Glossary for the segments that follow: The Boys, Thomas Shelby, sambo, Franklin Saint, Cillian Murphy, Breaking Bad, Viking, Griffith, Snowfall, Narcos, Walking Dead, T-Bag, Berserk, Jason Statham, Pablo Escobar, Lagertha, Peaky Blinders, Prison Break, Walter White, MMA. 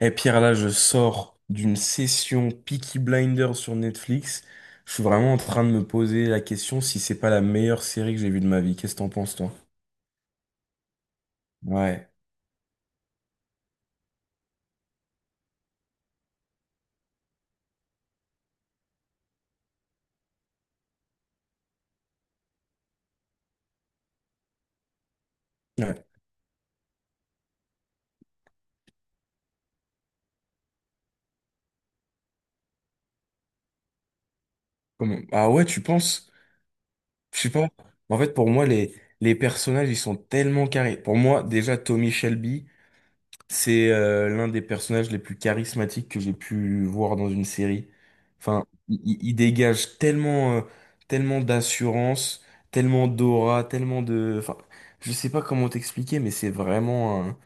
Et Pierre, là, je sors d'une session Peaky Blinders sur Netflix. Je suis vraiment en train de me poser la question si c'est pas la meilleure série que j'ai vue de ma vie. Qu'est-ce que t'en penses, toi? Ouais. Ouais. Ah ouais, tu penses? Je sais pas. En fait, pour moi, les personnages, ils sont tellement carrés. Pour moi, déjà, Tommy Shelby. C'est l'un des personnages les plus charismatiques que j'ai pu voir dans une série. Enfin, il dégage tellement, tellement d'assurance, tellement d'aura, tellement de... Enfin, je sais pas comment t'expliquer, mais c'est vraiment un...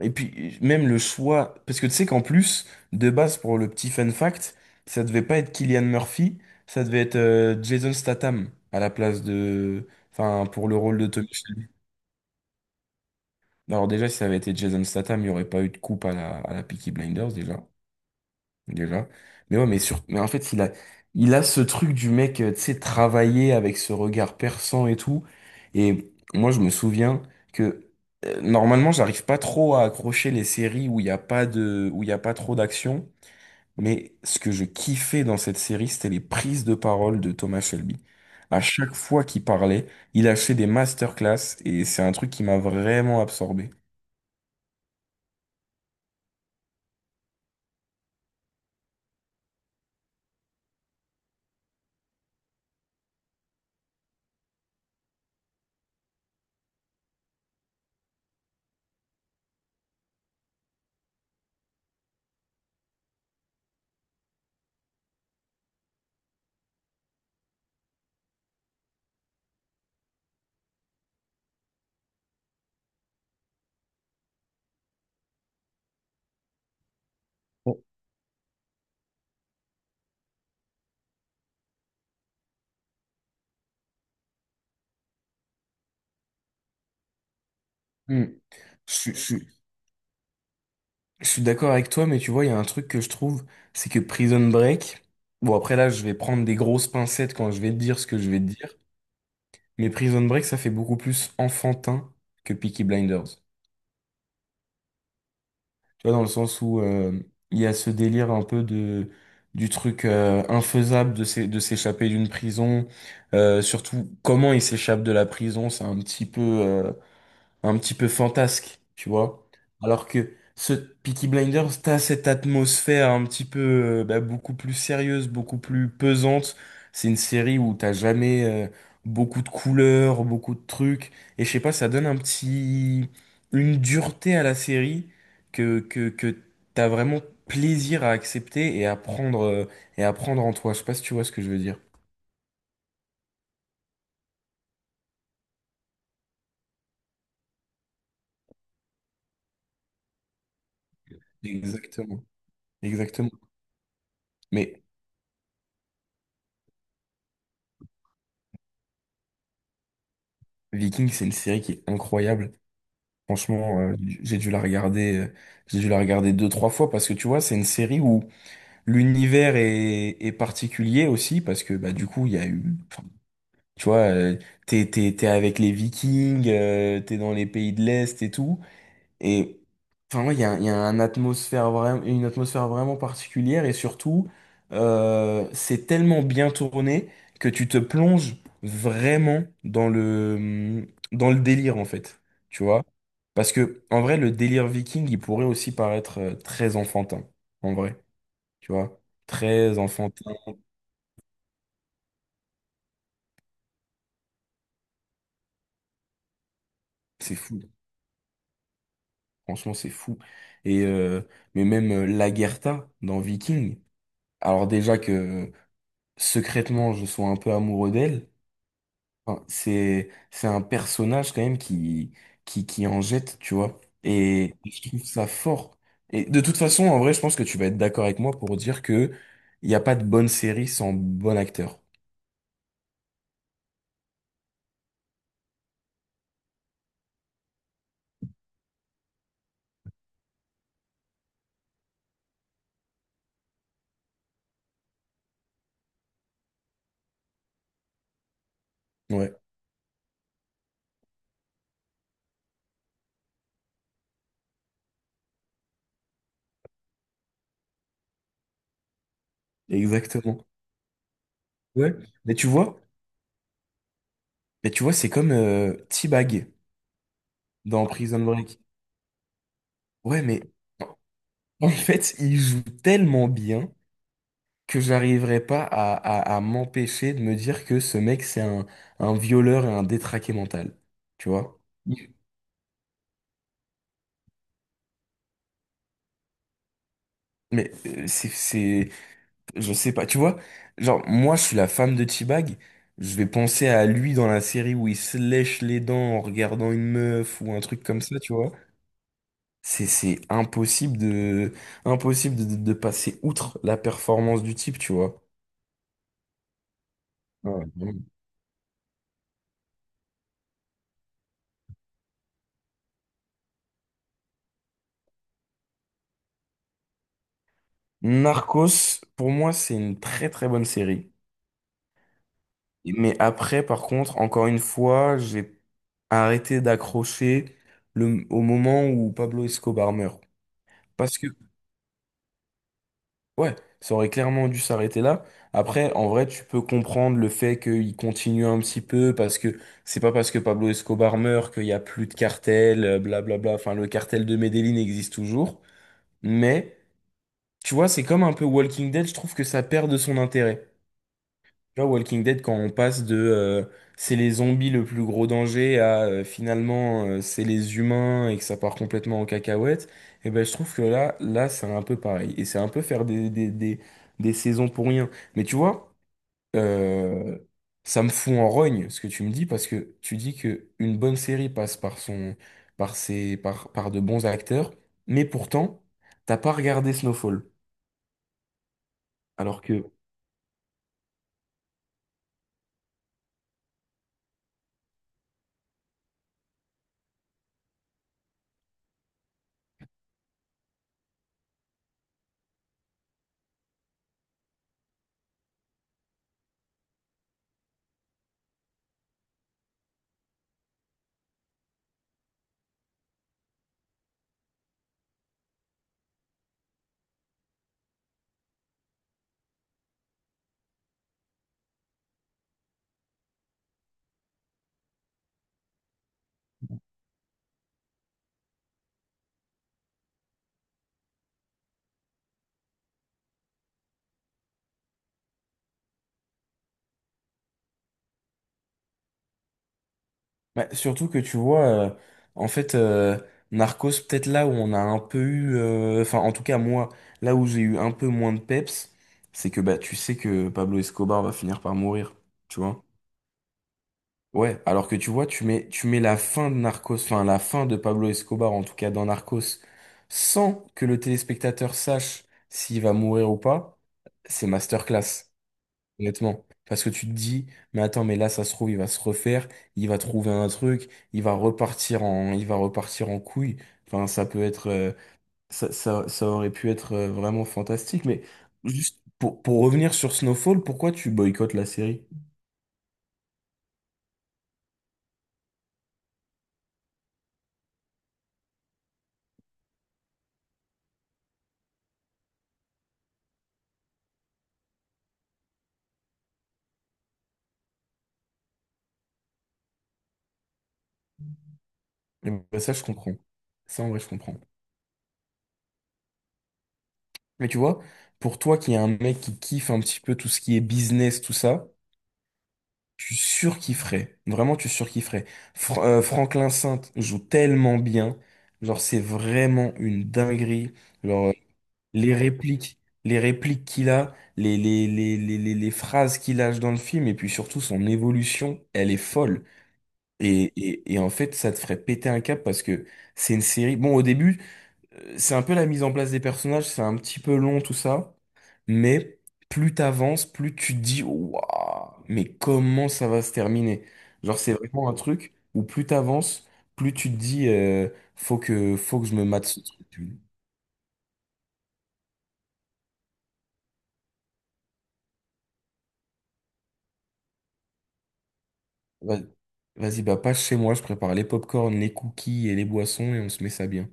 Et puis, même le choix... Parce que tu sais qu'en plus, de base, pour le petit fun fact, ça devait pas être Cillian Murphy, ça devait être Jason Statham à la place de... Enfin, pour le rôle de Tommy. Bah, alors déjà, si ça avait été Jason Statham, il n'y aurait pas eu de coupe à à la Peaky Blinders déjà. Déjà. Mais ouais, mais sur, mais en fait, il a ce truc du mec, tu sais, travailler avec ce regard perçant et tout. Et moi, je me souviens que normalement, j'arrive pas trop à accrocher les séries où il n'y a pas de, où il y a pas trop d'action. Mais ce que je kiffais dans cette série, c'était les prises de parole de Thomas Shelby. À chaque fois qu'il parlait, il a fait des masterclass et c'est un truc qui m'a vraiment absorbé. Bon. Hmm. Je, je- je suis d'accord avec toi, mais tu vois, il y a un truc que je trouve, c'est que Prison Break, bon après là, je vais prendre des grosses pincettes quand je vais te dire ce que je vais te dire, mais Prison Break, ça fait beaucoup plus enfantin que Peaky Blinders. Tu vois, dans le sens où il y a ce délire un peu de du truc infaisable de de s'échapper d'une prison, surtout comment il s'échappe de la prison, c'est un petit peu fantasque, tu vois. Alors que ce Peaky Blinders, t'as cette atmosphère un petit peu bah, beaucoup plus sérieuse, beaucoup plus pesante. C'est une série où t'as jamais beaucoup de couleurs, beaucoup de trucs. Et je sais pas, ça donne un petit... une dureté à la série que t'as vraiment plaisir à accepter et à prendre en toi. Je sais pas si tu vois ce que je veux dire. Exactement. Exactement. Mais Viking, c'est une série qui est incroyable. Franchement, j'ai dû la regarder, j'ai dû la regarder deux, trois fois parce que tu vois, c'est une série où l'univers est particulier aussi parce que bah du coup, il y a eu, enfin, tu vois, t'es avec les Vikings, t'es dans les pays de l'Est et tout, et enfin, ouais, il y a un atmosphère vraiment, une atmosphère vraiment particulière et surtout, c'est tellement bien tourné que tu te plonges vraiment dans dans le délire en fait. Tu vois? Parce que en vrai, le délire viking, il pourrait aussi paraître très enfantin. En vrai, tu vois? Très enfantin. C'est fou. Franchement, c'est fou. Et mais même Lagertha dans Viking, alors déjà que secrètement, je sois un peu amoureux d'elle. Enfin, c'est un personnage quand même qui en jette, tu vois. Et je trouve ça fort. Et de toute façon, en vrai, je pense que tu vas être d'accord avec moi pour dire que il n'y a pas de bonne série sans bon acteur. Ouais, exactement. Ouais. Mais tu vois, mais tu vois, c'est comme T-Bag dans Prison Break. Ouais, mais en fait, il joue tellement bien que j'arriverai pas à, à m'empêcher de me dire que ce mec, c'est un violeur et un détraqué mental. Tu vois? Mais c'est, je sais pas, tu vois, genre, moi, je suis la femme de T-Bag, je vais penser à lui dans la série où il se lèche les dents en regardant une meuf ou un truc comme ça, tu vois. C'est impossible de, impossible de passer outre la performance du type, tu vois. Ouais, vraiment. Narcos, pour moi, c'est une très très bonne série. Mais après, par contre, encore une fois, j'ai arrêté d'accrocher le, au moment où Pablo Escobar meurt. Ouais, ça aurait clairement dû s'arrêter là. Après, en vrai, tu peux comprendre le fait qu'il continue un petit peu parce que c'est pas parce que Pablo Escobar meurt qu'il y a plus de cartel, blablabla. Enfin, le cartel de Medellín existe toujours. Mais, tu vois, c'est comme un peu Walking Dead, je trouve que ça perd de son intérêt. Genre Walking Dead, quand on passe de c'est les zombies le plus gros danger à finalement c'est les humains et que ça part complètement en cacahuète, et ben je trouve que là, là c'est un peu pareil. Et c'est un peu faire des saisons pour rien. Mais tu vois, euh, ça me fout en rogne ce que tu me dis parce que tu dis que une bonne série passe par son, par de bons acteurs, mais pourtant, t'as pas regardé Snowfall. Alors que bah, surtout que tu vois, en fait, Narcos, peut-être là où on a un peu eu, enfin en tout cas moi, là où j'ai eu un peu moins de peps, c'est que bah tu sais que Pablo Escobar va finir par mourir, tu vois. Ouais, alors que tu vois, tu mets la fin de Narcos, enfin la fin de Pablo Escobar en tout cas dans Narcos, sans que le téléspectateur sache s'il va mourir ou pas, c'est masterclass. Honnêtement. Parce que tu te dis, mais attends, mais là, ça se trouve, il va se refaire, il va trouver un truc, il va repartir en, il va repartir en couille. Enfin, ça peut être, ça aurait pu être vraiment fantastique. Mais juste pour revenir sur Snowfall, pourquoi tu boycottes la série? Eh ben, ça, je comprends. Ça, en vrai, je comprends. Mais tu vois, pour toi qui est un mec qui kiffe un petit peu tout ce qui est business, tout ça, tu surkifferais. Vraiment, tu surkifferais. Franklin Saint joue tellement bien. Genre, c'est vraiment une dinguerie. Genre, les répliques qu'il a, les phrases qu'il lâche dans le film, et puis surtout son évolution, elle est folle. Et en fait, ça te ferait péter un câble parce que c'est une série. Bon, au début, c'est un peu la mise en place des personnages, c'est un petit peu long, tout ça. Mais plus t'avances, plus tu te dis, waouh, mais comment ça va se terminer? Genre, c'est vraiment un truc où plus t'avances, plus tu te dis, faut que je me mate ce truc. Tu vois. Vas-y, bah, passe chez moi, je prépare les pop les cookies et les boissons et on se met ça bien.